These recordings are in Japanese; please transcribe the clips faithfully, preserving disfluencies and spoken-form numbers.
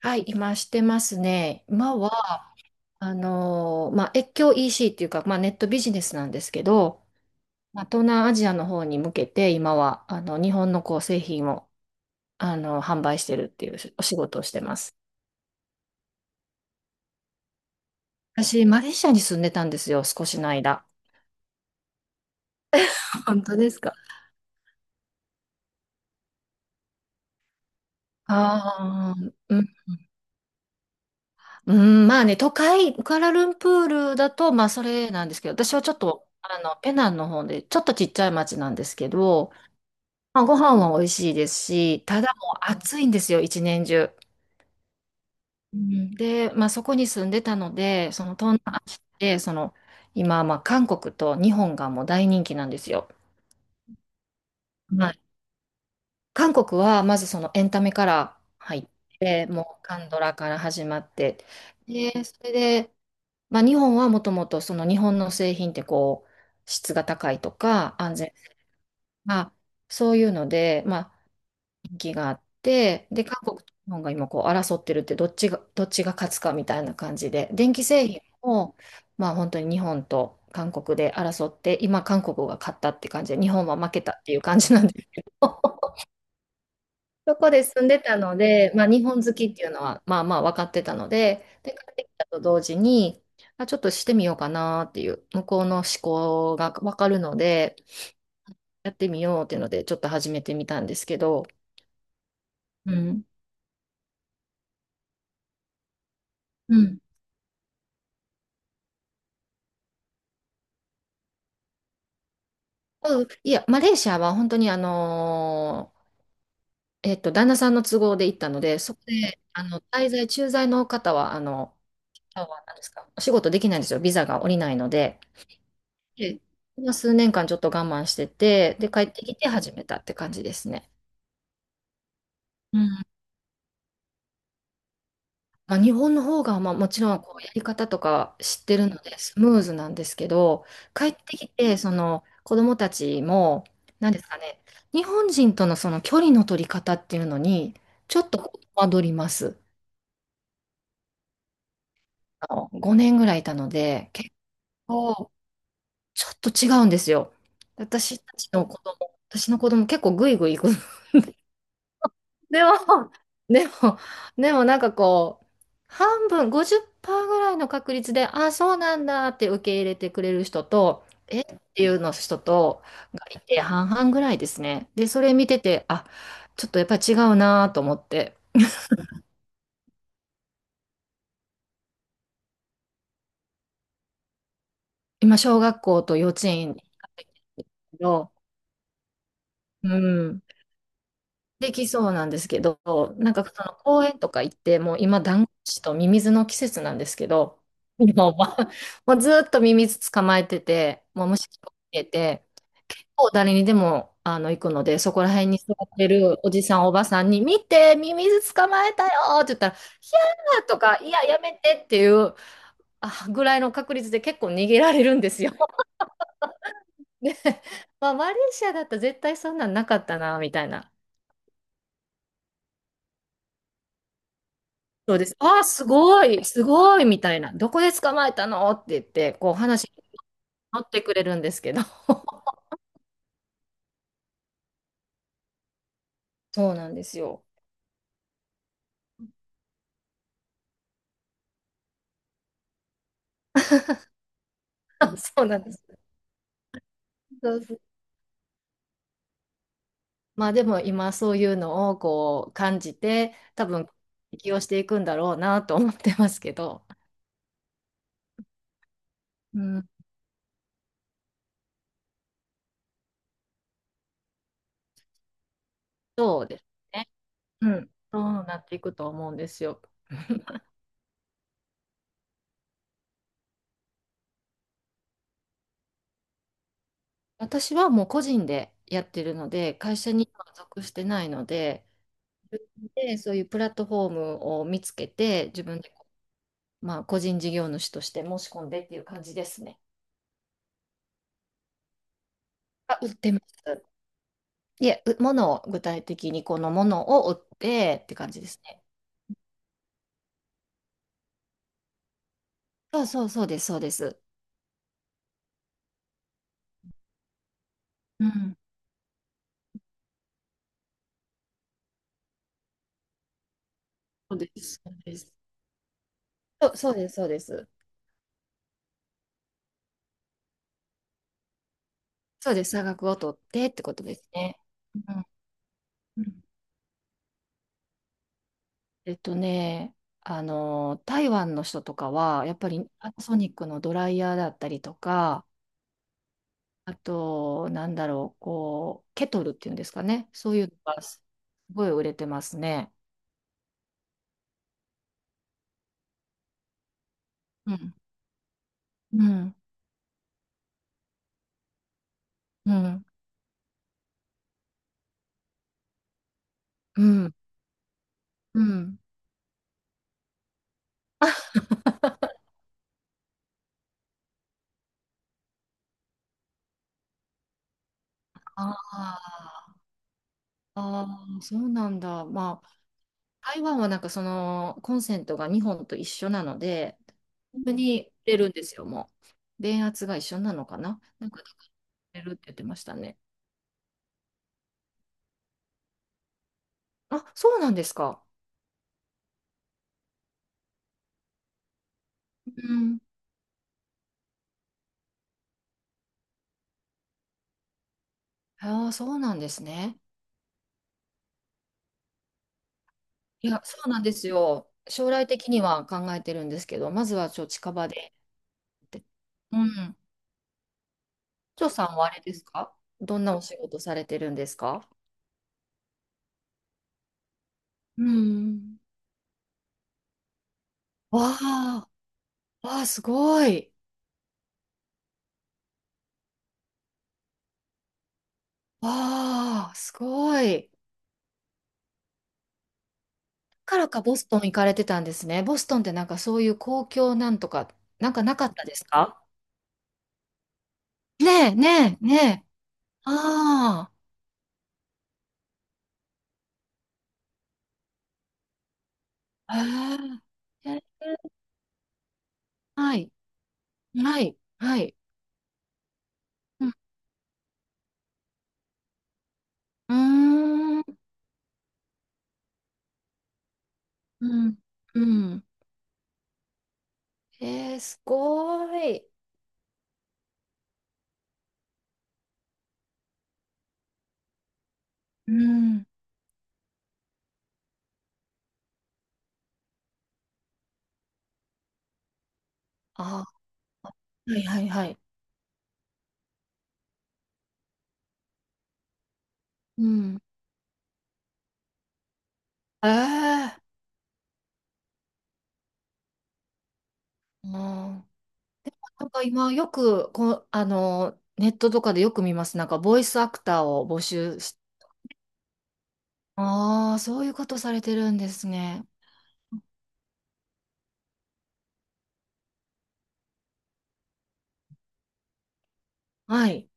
はい、今してますね。今は、あのーまあ、越境 イーシー っていうか、まあ、ネットビジネスなんですけど、まあ、東南アジアの方に向けて、今は、あの、日本のこう製品を、あの、販売してるっていうお仕事をしてます。私、マレーシアに住んでたんですよ、少しの間。本当ですか。ああ、うん。うんまあね、都会、クアラルンプールだと、まあ、それなんですけど、私はちょっと、あの、ペナンの方で、ちょっとちっちゃい町なんですけど、まあ、ご飯は美味しいですし、ただもう暑いんですよ、一年中。うんで、まあ、そこに住んでたので、その東南アジアで、その今、まあ、韓国と日本がもう大人気なんですよ。はい、韓国はまずそのエンタメから入って、もう韓ドラから始まって、で、それで、まあ、日本はもともとその日本の製品ってこう質が高いとか安全が、そういうので、まあ、人気があって、で、韓国と日本が今こう争ってるって、どっちが、どっちが勝つかみたいな感じで、電気製品を、まあ本当に日本と韓国で争って、今韓国が勝ったって感じで、日本は負けたっていう感じなんですけど、そこで住んでたので、まあ日本好きっていうのは、まあまあ分かってたので、で、帰ってきたと同時に、あ、ちょっとしてみようかなっていう、向こうの思考が分かるので、やってみようっていうので、ちょっと始めてみたんですけど、うん。うんうん、いや、マレーシアは本当にあのーえっと、旦那さんの都合で行ったので、そこで、あの、滞在、駐在の方は、あの、あなんですか、お仕事できないんですよ。ビザが下りないので。で、まあ数年間ちょっと我慢してて、で、帰ってきて始めたって感じですね。うん。まあ、日本の方が、まあ、もちろんこうやり方とか知ってるのでスムーズなんですけど、帰ってきてその子供たちも、何ですかね、日本人とのその距離の取り方っていうのにちょっとこう戸惑ります。あのごねんぐらいいたので結構ちょっと違うんですよ。私たちの子供私の子供結構グイグイ行く。でも、でも、でもなんかこう、半分、ごじゅっパーセントぐらいの確率で、あ、そうなんだって受け入れてくれる人と、えっていうの人と、がいて半々ぐらいですね。で、それ見てて、あ、ちょっとやっぱり違うなと思って、今、小学校と幼稚園に行ったんですけど、うん、できそうなんですけど、なんかその公園とか行って、もう今、ダンゴムシとミミズの季節なんですけど、もう、まあもうずーっとミミズ捕まえてて、もう虫を見えて、もう誰にでもあの行くので、そこら辺に座ってるおじさん、おばさんに、見て、ミミズ捕まえたよって言ったら、ひゃーとか、いや、やめてっていうあぐらいの確率で結構逃げられるんですよ。で、まあ、マレーシアだったら絶対そんなんなかったな、みたいな。そうです。ああ、すごい、すごい、みたいな。どこで捕まえたのって言って、こう話に乗ってくれるんですけど。そうなんですよ。そうなんです。そうそう。まあでも今そういうのをこう感じて、多分適応していくんだろうなと思ってますけど。うん、そうですね。うん。そうなっていくと思うんですよ。私はもう個人でやってるので、会社には属してないので、自分でそういうプラットフォームを見つけて、自分で、まあ、個人事業主として申し込んでっていう感じですね。あ、売ってます。いえ、う物を具体的にこのものを売ってって感じですね。そうそうそうです、そうです。うん。そうです、そうです。そう、そうです、そうです。そうです、差額を取ってってことですね。うん。うん。えっとね、あの、台湾の人とかは、やっぱりパナソニックのドライヤーだったりとか、あと、なんだろう、こう、ケトルっていうんですかね。そういうのがすごい売れてますね。うん、うん、うん、うん、うん。ああ、ああ、そうなんだ。まあ、台湾はなんかそのコンセントがにほんと一緒なので、本当に売れるんですよ、もう。電圧が一緒なのかななんか、売れるって言ってましたね。あ、そうなんですか。うん。ああ、そうなんですね。いや、そうなんですよ。将来的には考えてるんですけど、まずはちょっと近場でって。うん。長さんはあれですか、どんなお仕事されてるんですか。うん。わあ、わあ、すごい。わあ、すごい。だからかボストン行かれてたんですね。ボストンってなんかそういう公共なんとか、なんかなかったですか。ねえ、ねえ、ねえ。ああ、へえ、へえ、はい、はい、はい。うん、うーん、うん、うん。えー、すごい。うん。あ、はい、はい、はい。うん。ええ。うん。なんか今よくこう、あの、ネットとかでよく見ます。なんかボイスアクターを募集し、ああ、そういうことされてるんですね。はい。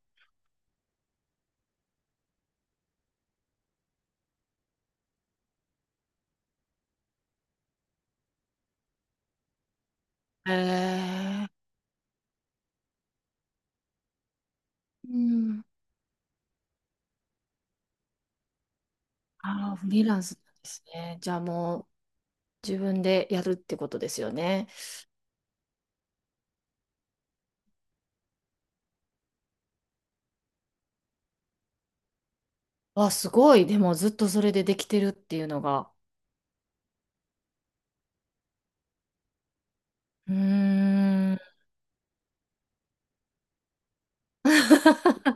ええ。うん。ああ、フリーランスなんですね。じゃあもう自分でやるってことですよね。わあ、すごい。でもずっとそれでできてるっていうのが。うーん。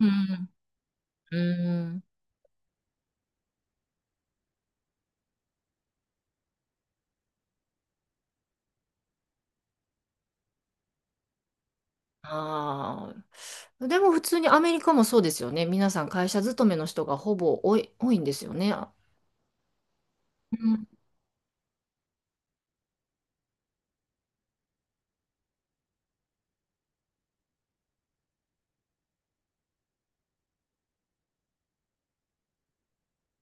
うん。うん。ああ。でも普通にアメリカもそうですよね。皆さん会社勤めの人がほぼ多い、多いんですよね。うん、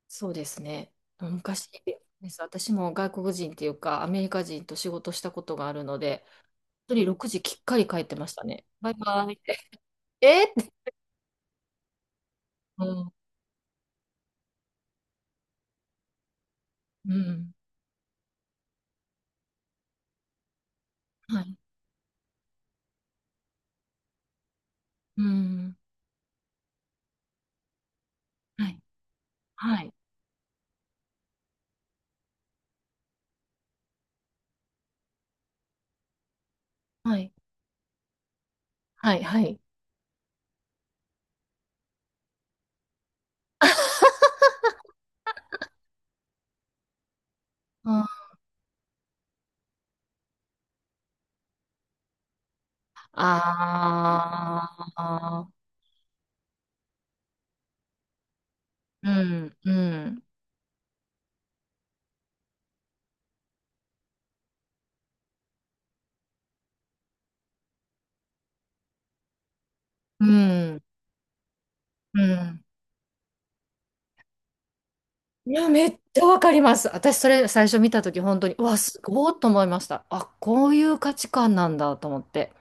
そうですね。昔です。私も外国人っていうかアメリカ人と仕事したことがあるので、一人ろくじきっかり帰ってましたね。バイバイって。えって。うん。うん。はい。うん。はい。はい。はい。はい。はい。ああー。うん。うん。うん。うん。いや、めっちゃわかります。私、それ最初見たとき、本当に、うわ、すごいと思いました。あ、こういう価値観なんだと思って。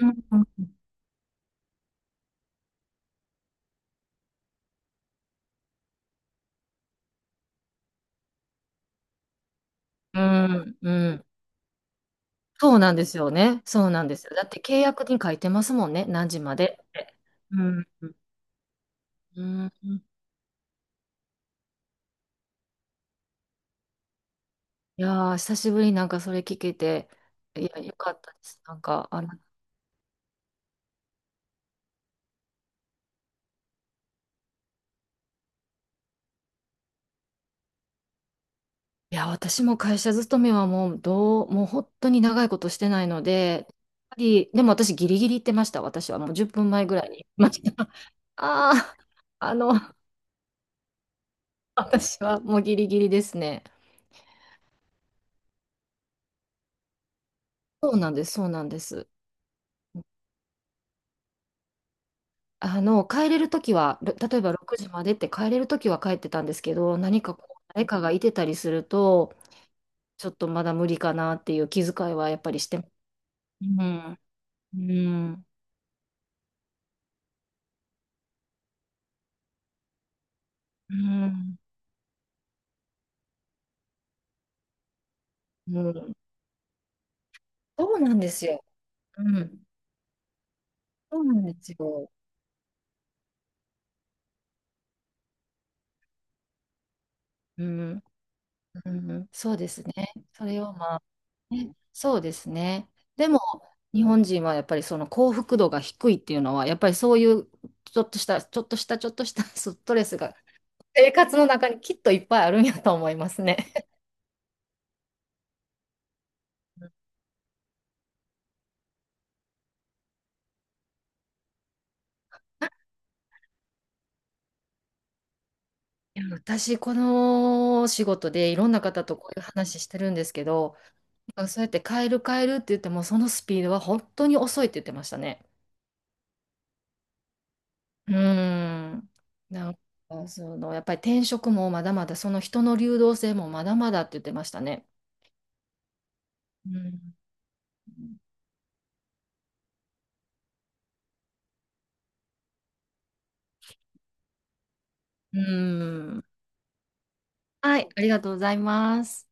うん、うん、うん、うん。そうなんですよね。そうなんですよ。だって契約に書いてますもんね。何時までって。うん、うん、うん。いやー、久しぶりになんかそれ聞けて、いや、よかったです。なんか、あの、いや、私も会社勤めはもうどう、もう本当に長いことしてないので、やっぱりでも私ギリギリ行ってました。私はもうじゅっぷんまえぐらいに。まじ、ああ、あの、私はもうギリギリですね。そうなんです、そうなんです。あの、帰れるときは、ろ例えばろくじまでって帰れるときは帰ってたんですけど、何かこう、誰かがいてたりすると、ちょっとまだ無理かなっていう気遣いはやっぱりしてます。うん、うん、うん、うん。そうなんですよ。うん。そうなんですよ。うん、うん、そうですね。それをまあ、ね、そうですね。でも、日本人はやっぱりその幸福度が低いっていうのは、やっぱりそういうちょっとした、ちょっとした、ちょっとした ストレスが生活の中にきっといっぱいあるんやと思いますね。いや、私、この仕事でいろんな方とこういう話してるんですけど、そうやって変える変えるって言っても、そのスピードは本当に遅いって言ってましたね。うーん。なんか、その、やっぱり転職もまだまだ、その人の流動性もまだまだって言ってましたね。うん。うん。はい、ありがとうございます。